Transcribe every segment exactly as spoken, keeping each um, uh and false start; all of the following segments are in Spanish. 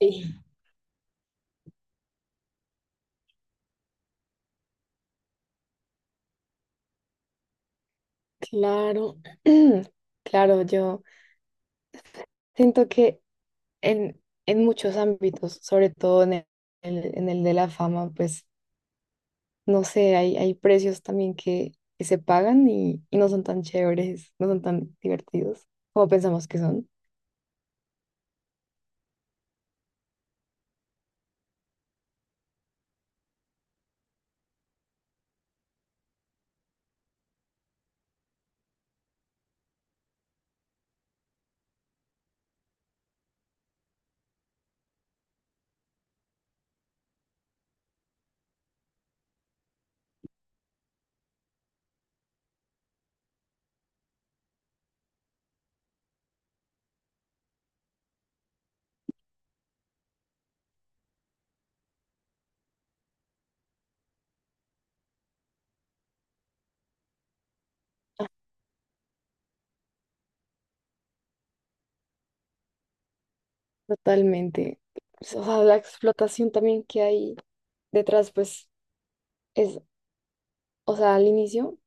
Sí, claro, claro, yo siento que en, en muchos ámbitos, sobre todo en el, en el de la fama, pues no sé, hay, hay precios también que, que se pagan y, y no son tan chéveres, no son tan divertidos como pensamos que son. Totalmente. pues, O sea, la explotación también que hay detrás, pues es, o sea, al inicio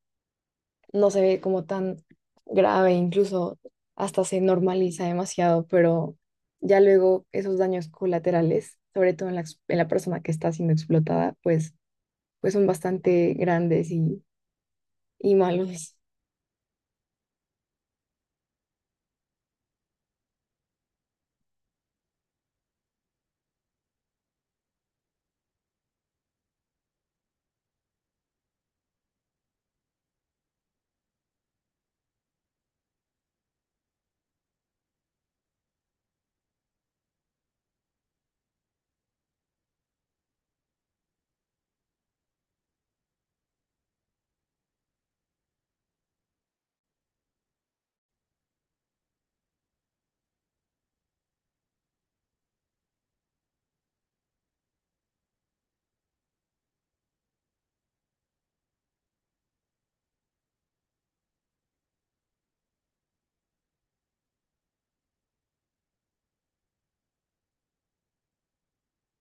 no se ve como tan grave, incluso hasta se normaliza demasiado, pero ya luego esos daños colaterales, sobre todo en la, ex- en la persona que está siendo explotada, pues, pues son bastante grandes y, y malos.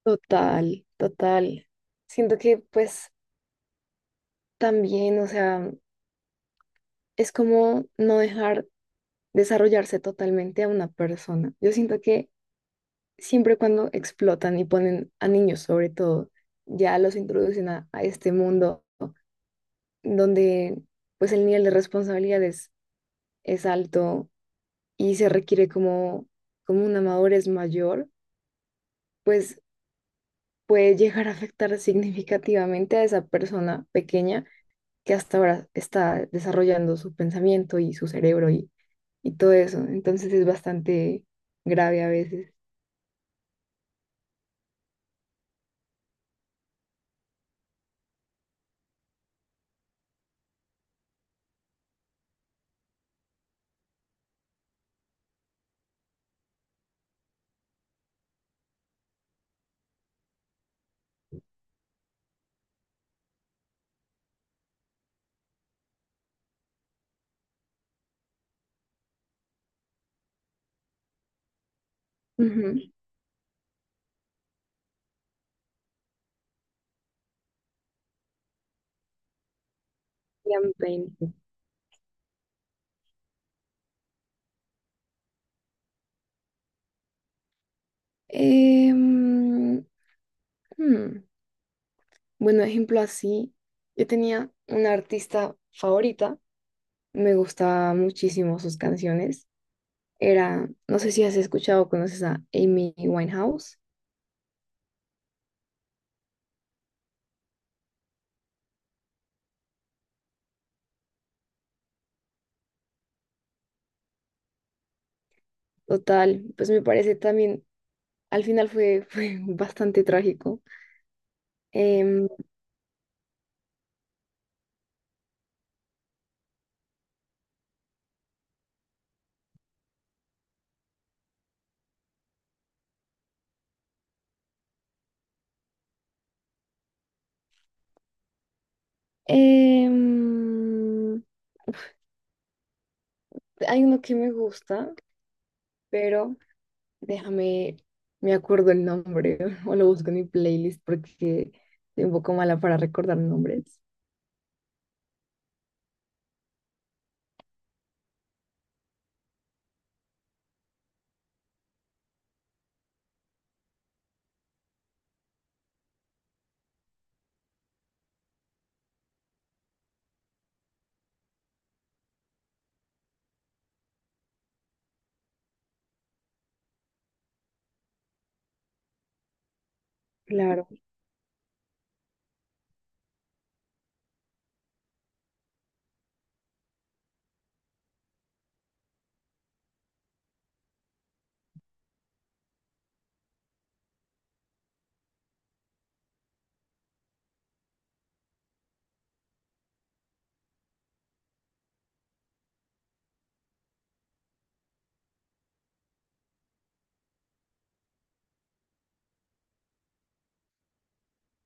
Total, total. Siento que pues también, o sea, es como no dejar desarrollarse totalmente a una persona. Yo siento que siempre cuando explotan y ponen a niños sobre todo, ya los introducen a a este mundo donde pues el nivel de responsabilidades es alto y se requiere como, como una madurez mayor, pues puede llegar a afectar significativamente a esa persona pequeña que hasta ahora está desarrollando su pensamiento y su cerebro y, y todo eso. Entonces es bastante grave a veces. Ujú. Ian Payne. Em, hmm, Bueno, ejemplo así, yo tenía una artista favorita. Me gustaban muchísimo sus canciones. Era, no sé si has escuchado o conoces a Amy Winehouse. Total, pues me parece también, al final fue, fue bastante trágico. Em, em, Hay uno que me gusta, pero Déjame, me acuerdo el nombre o lo busco en mi playlist porque soy un poco mala para recordar nombres. Claro.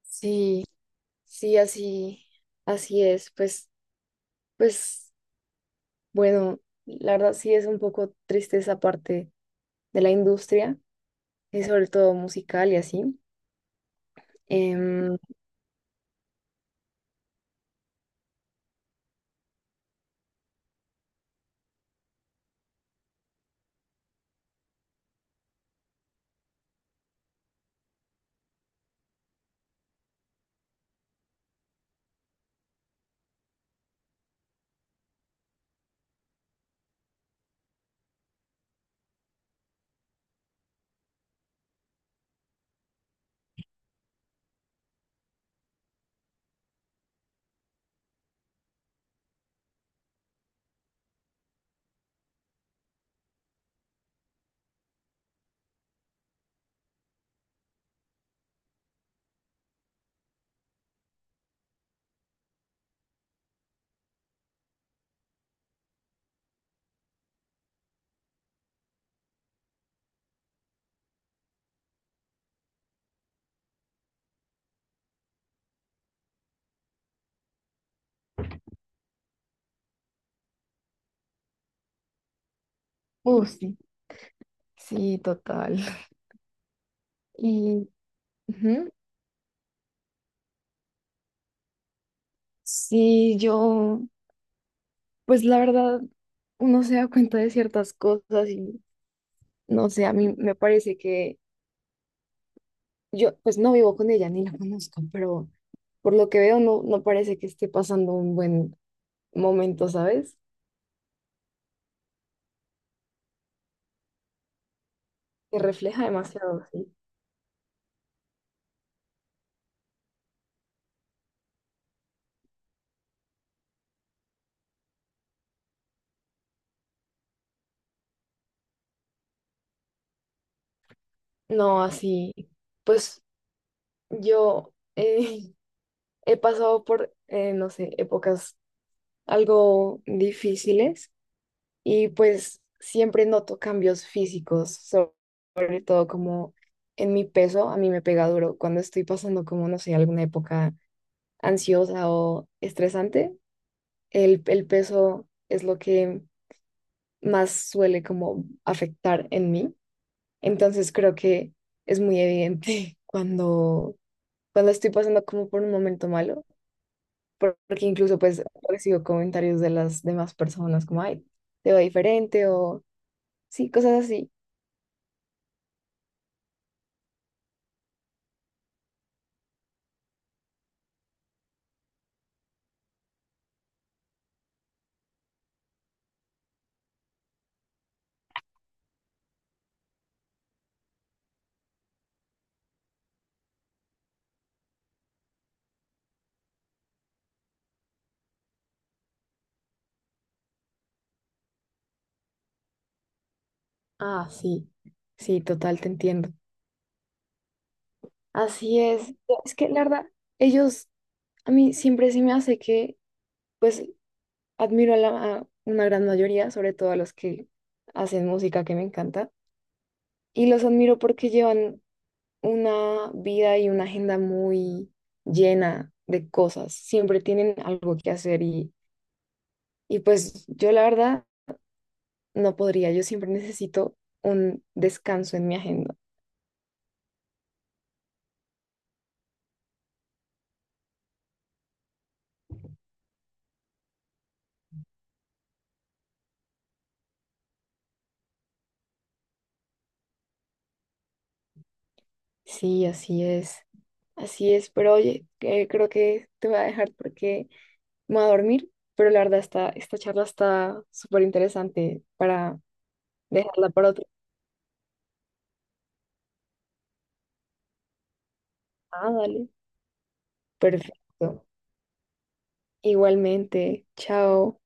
Sí, sí, así, así es. Pues, pues, bueno, la verdad sí es un poco triste esa parte de la industria, y sobre todo musical y así. Em, Uh, sí, sí, total. Y ujú, sí, yo, pues la verdad, uno se da cuenta de ciertas cosas y no sé, a mí me parece que yo, pues no vivo con ella ni la conozco, pero por lo que veo no, no parece que esté pasando un buen momento, ¿sabes? Que refleja demasiado, sí. No, así, pues yo eh, he pasado por, eh, no sé, épocas algo difíciles y pues siempre noto cambios físicos, so- sobre todo como en mi peso, a mí me pega duro cuando estoy pasando como, no sé, alguna época ansiosa o estresante, el, el peso es lo que más suele como afectar en mí, entonces creo que es muy evidente cuando, cuando estoy pasando como por un momento malo porque incluso pues recibo comentarios de las demás personas como, ay, te va diferente o sí, cosas así. Ah, sí, sí, total, te entiendo. Así es. Es que la verdad, ellos, a mí siempre se me hace que, pues, admiro a, la, a una gran mayoría, sobre todo a los que hacen música que me encanta, y los admiro porque llevan una vida y una agenda muy llena de cosas, siempre tienen algo que hacer y... Y pues yo la verdad no podría, yo siempre necesito un descanso en mi agenda. Sí, así es, así es, pero oye, eh, creo que te voy a dejar porque me voy a dormir, pero la verdad está, esta charla está súper interesante para dejarla para otro. Ah, dale. Perfecto. Igualmente, chao.